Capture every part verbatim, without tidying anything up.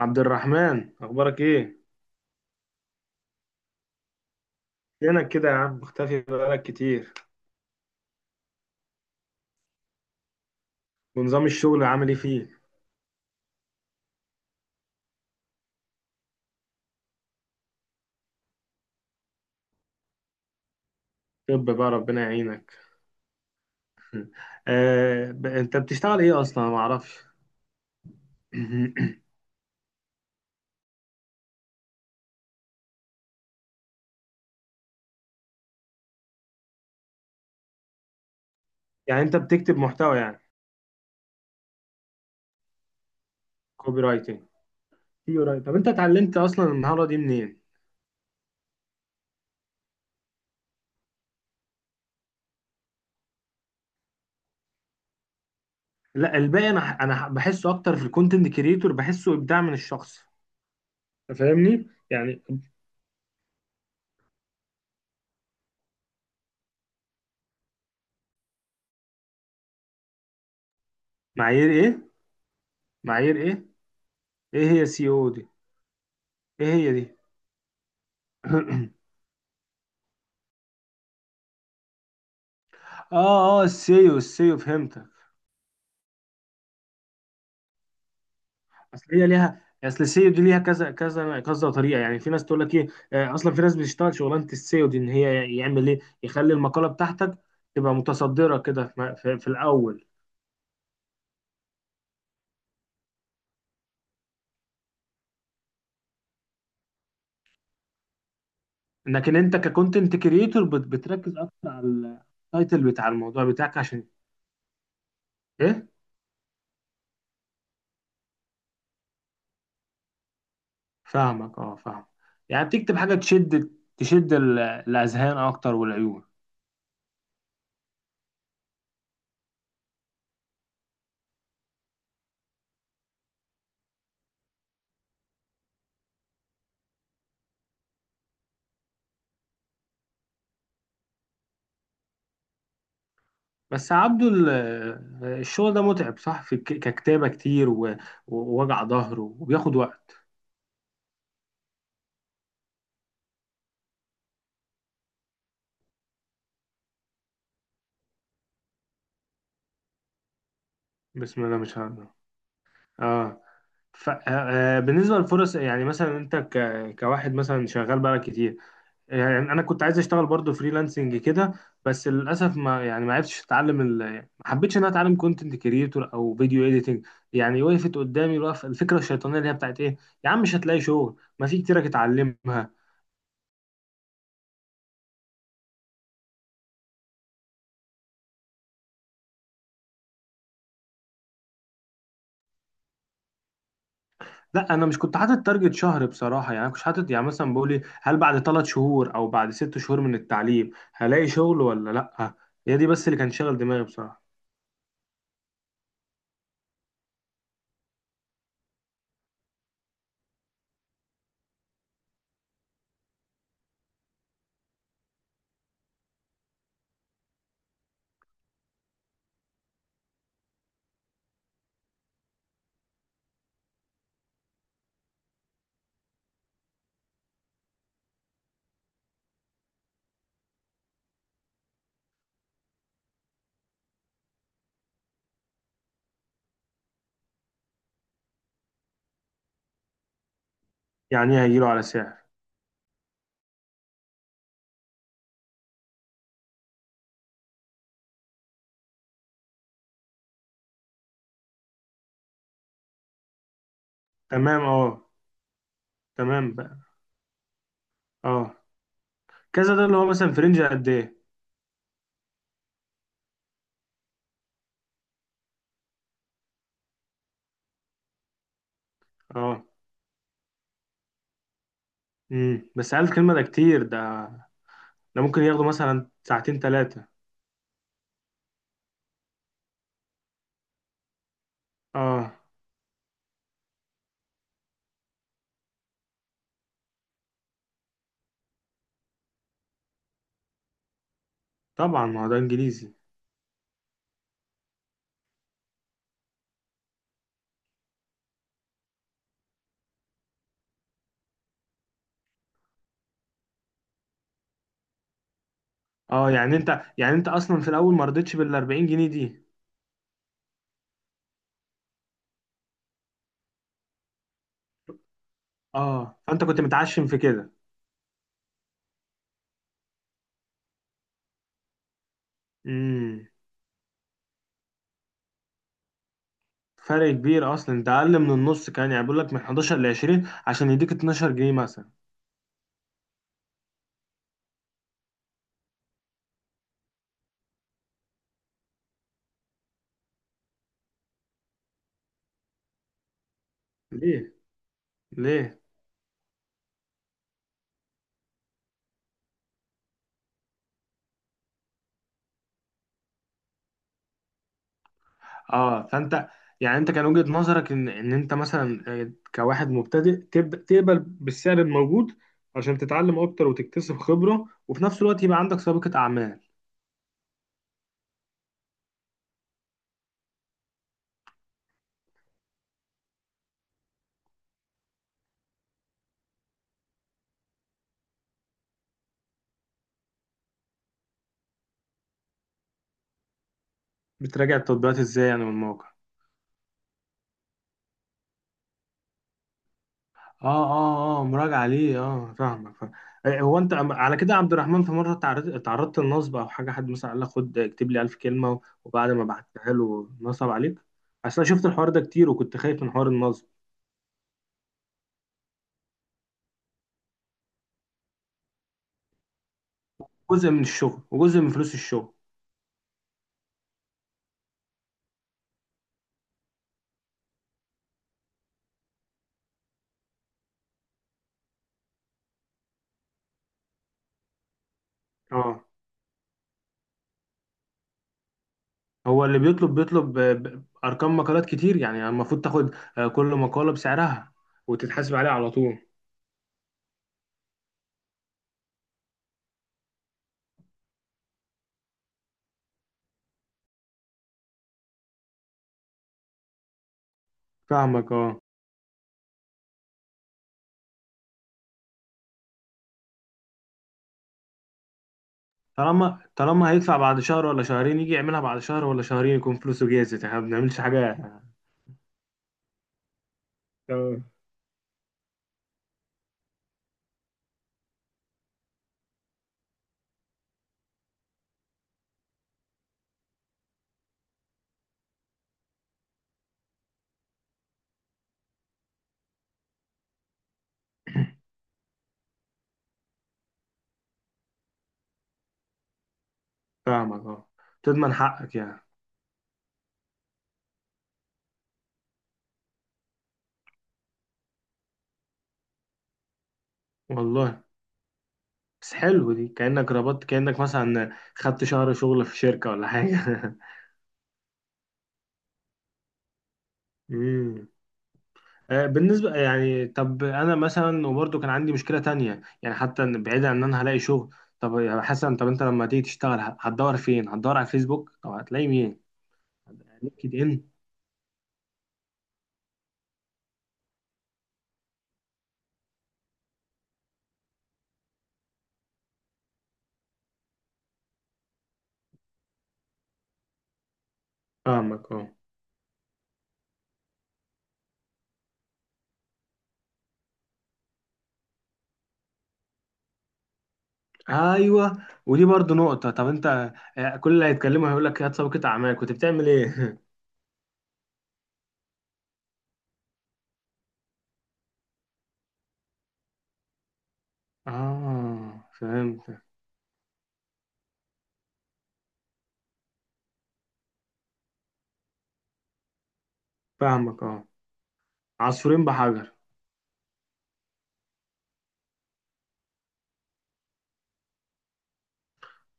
عبد الرحمن، اخبارك ايه؟ فينك كده يا عم؟ مختفي بقالك كتير. ونظام الشغل عامل ايه فيه؟ طب بقى، ربنا يعينك. آه ب... انت بتشتغل ايه اصلا؟ ما اعرفش. يعني انت بتكتب محتوى يعني؟ كوبي رايتنج. كوبي رايت. طب انت اتعلمت اصلا المهارة دي منين؟ لا، الباقي انا ح- انا ح- بحسه اكتر في الكونتنت كريتور، بحسه ابداع من الشخص. أنت فاهمني يعني؟ معايير ايه؟ معايير ايه؟ ايه هي سي او دي؟ ايه هي دي؟ اه، اه، السيو، السيو فهمتك. اصل هي ليها، اصل السيو دي ليها كذا كذا كذا طريقه. يعني في ناس تقول لك ايه. آه، اصلا في ناس بتشتغل شغلانه السيو دي، ان هي يعمل ايه يخلي المقاله بتاعتك تبقى متصدره كده في, في, في الاول. لكن انت ككونتنت كريتور بتركز اكتر على التايتل بتاع الموضوع بتاعك عشان ايه. فاهمك، اه فاهم. يعني بتكتب حاجه تشد، تشد ال- الاذهان اكتر، والعيون. بس يا عبدو ال- آه، الشغل ده متعب صح؟ في ك- ككتابه كتير، و- ووجع ظهر، وبياخد وقت. بسم الله ما شاء الله. اه. ف... آه آه، بالنسبه للفرص، يعني مثلا انت ك... كواحد مثلا شغال بقالك كتير، يعني انا كنت عايز اشتغل برضو فريلانسنج كده. بس للاسف، ما يعني ما عرفتش اتعلم ال... ما حبيتش ان انا اتعلم كونتنت كريتور او فيديو اديتنج. يعني وقفت قدامي الوقف، الفكره الشيطانيه اللي هي بتاعت ايه: يا عم مش هتلاقي شغل، ما في كتير اتعلمها. لا، انا مش كنت حاطط تارجت شهر بصراحه. يعني انا كنت حاطط يعني، مثلا بقول إيه، هل بعد ثلاث شهور او بعد ست شهور من التعليم هلاقي شغل ولا لا. هي دي بس اللي كان شاغل دماغي بصراحه. يعني ايه هيجيله على سعر؟ تمام اه. تمام بقى. اه. كذا ده اللي هو مثلا، في رينج قد ايه؟ اه. امم بس ألف كلمه ده كتير ده. ده ممكن ياخده مثلا ساعتين ثلاثه. اه، طبعا ما هو ده انجليزي. اه، يعني انت يعني انت اصلا في الاول ما رضيتش بال اربعين جنيه دي. اه فانت كنت متعشم في كده. امم. فرق كبير، اصلا ده اقل من النص. كان يعني بيقول لك من حداشر ل عشرين عشان يديك اتناشر جنيه مثلا. ليه؟ ليه؟ اه فانت، يعني انت كان وجهة نظرك ان ان انت مثلا، آه، كواحد مبتدئ تبدا تقبل بالسعر الموجود عشان تتعلم اكتر وتكتسب خبرة، وفي نفس الوقت يبقى عندك سابقة اعمال. بتراجع التطبيقات ازاي يعني، والمواقع؟ اه اه اه، مراجعة ليه؟ اه، فاهمك فاهم. إيه، هو انت عم- على كده يا عبد الرحمن، في مرة تعرض- تعرضت للنصب او حاجة؟ حد مثلا قال لك خد اكتب لي ألف كلمة وبعد ما بعتها له نصب عليك؟ اصل انا شفت الحوار ده كتير، وكنت خايف من حوار النصب. جزء من الشغل وجزء من فلوس الشغل. اه، هو اللي بيطلب، بيطلب آه، ب- ارقام مقالات كتير، يعني يعني المفروض تاخد، آه، كل مقالة بسعرها، وتتحاسب عليها على طول. فاهمك اه. طالما طالما هيدفع بعد شهر ولا شهرين، يجي يعملها بعد شهر ولا شهرين يكون فلوسه جاهزة، احنا ما بنعملش حاجة. اه فاهمك اه. تضمن حقك يعني. والله. بس حلو، دي كأنك ربطت، كأنك مثلا خدت شهر شغل في شركة ولا حاجة. امم. آه، بالنسبة يعني، طب أنا مثلا وبرضه كان عندي مشكلة تانية، يعني حتى إن- بعيدا عن إن أنا هلاقي شغل. طب يا حسن، طب أنت لما تيجي تشتغل ه- هتدور فين؟ هتدور على فيسبوك؟ طب هتلاقي مين؟ لينكد إن؟ فاهمك اه. أيوه، ودي برضه نقطة. طب أنت، آه، كل اللي هيتكلموا هيقول لك يا سابقة أعمال كنت بتعمل إيه؟ آه فهمت. فاهمك اه. عصفورين بحجر.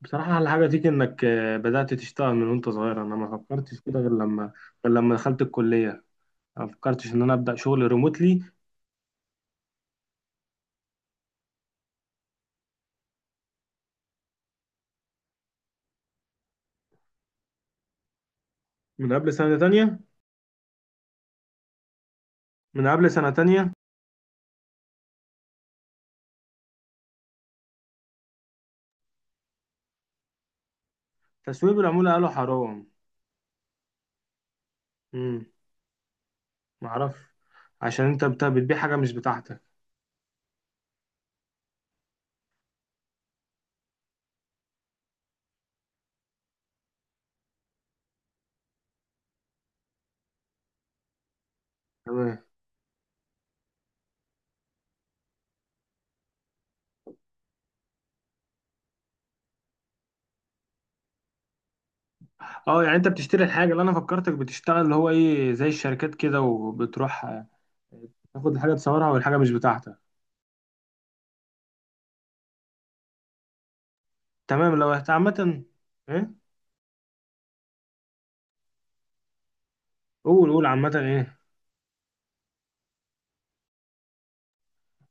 بصراحة أحلى حاجة فيك إنك آه، بدأت تشتغل من وأنت صغير. أنا ما فكرتش كده غير لما غير لما دخلت الكلية، ما فكرتش إن أنا أبدأ شغل ريموتلي. من قبل سنة تانية؟ من قبل سنة تانية. تسويق بالعمولة قالوا حرام؟ امم. معرفش. عشان أنت بت- بتبيع حاجة مش بتاعتك. تمام. اه يعني، أنت بتشتري الحاجة اللي أنا فكرتك بتشتغل اللي هو إيه، زي الشركات كده، وبتروح آه، تاخد الحاجة تصورها، والحاجة مش بتاعتك. تمام. لو عامة إيه؟ قول، قول. عامة إيه؟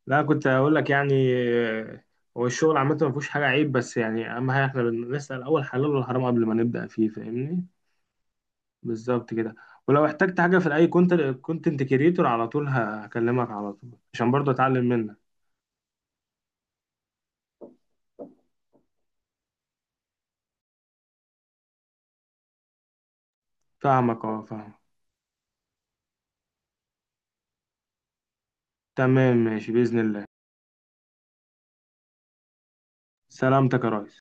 لا، كنت هقول لك يعني، آه، هو الشغل عامة ما فيهوش حاجة عيب، بس يعني أهم حاجة، إحنا بنسأل أول حلال والحرام قبل ما نبدأ فيه. فاهمني؟ بالظبط كده. ولو احتجت حاجة في أي كونت كونتنت كريتور، على طول هكلمك على طول، عشان برضه أتعلم منك. فاهمك أه فاهمك. تمام ماشي بإذن الله. سلامتك يا ريس.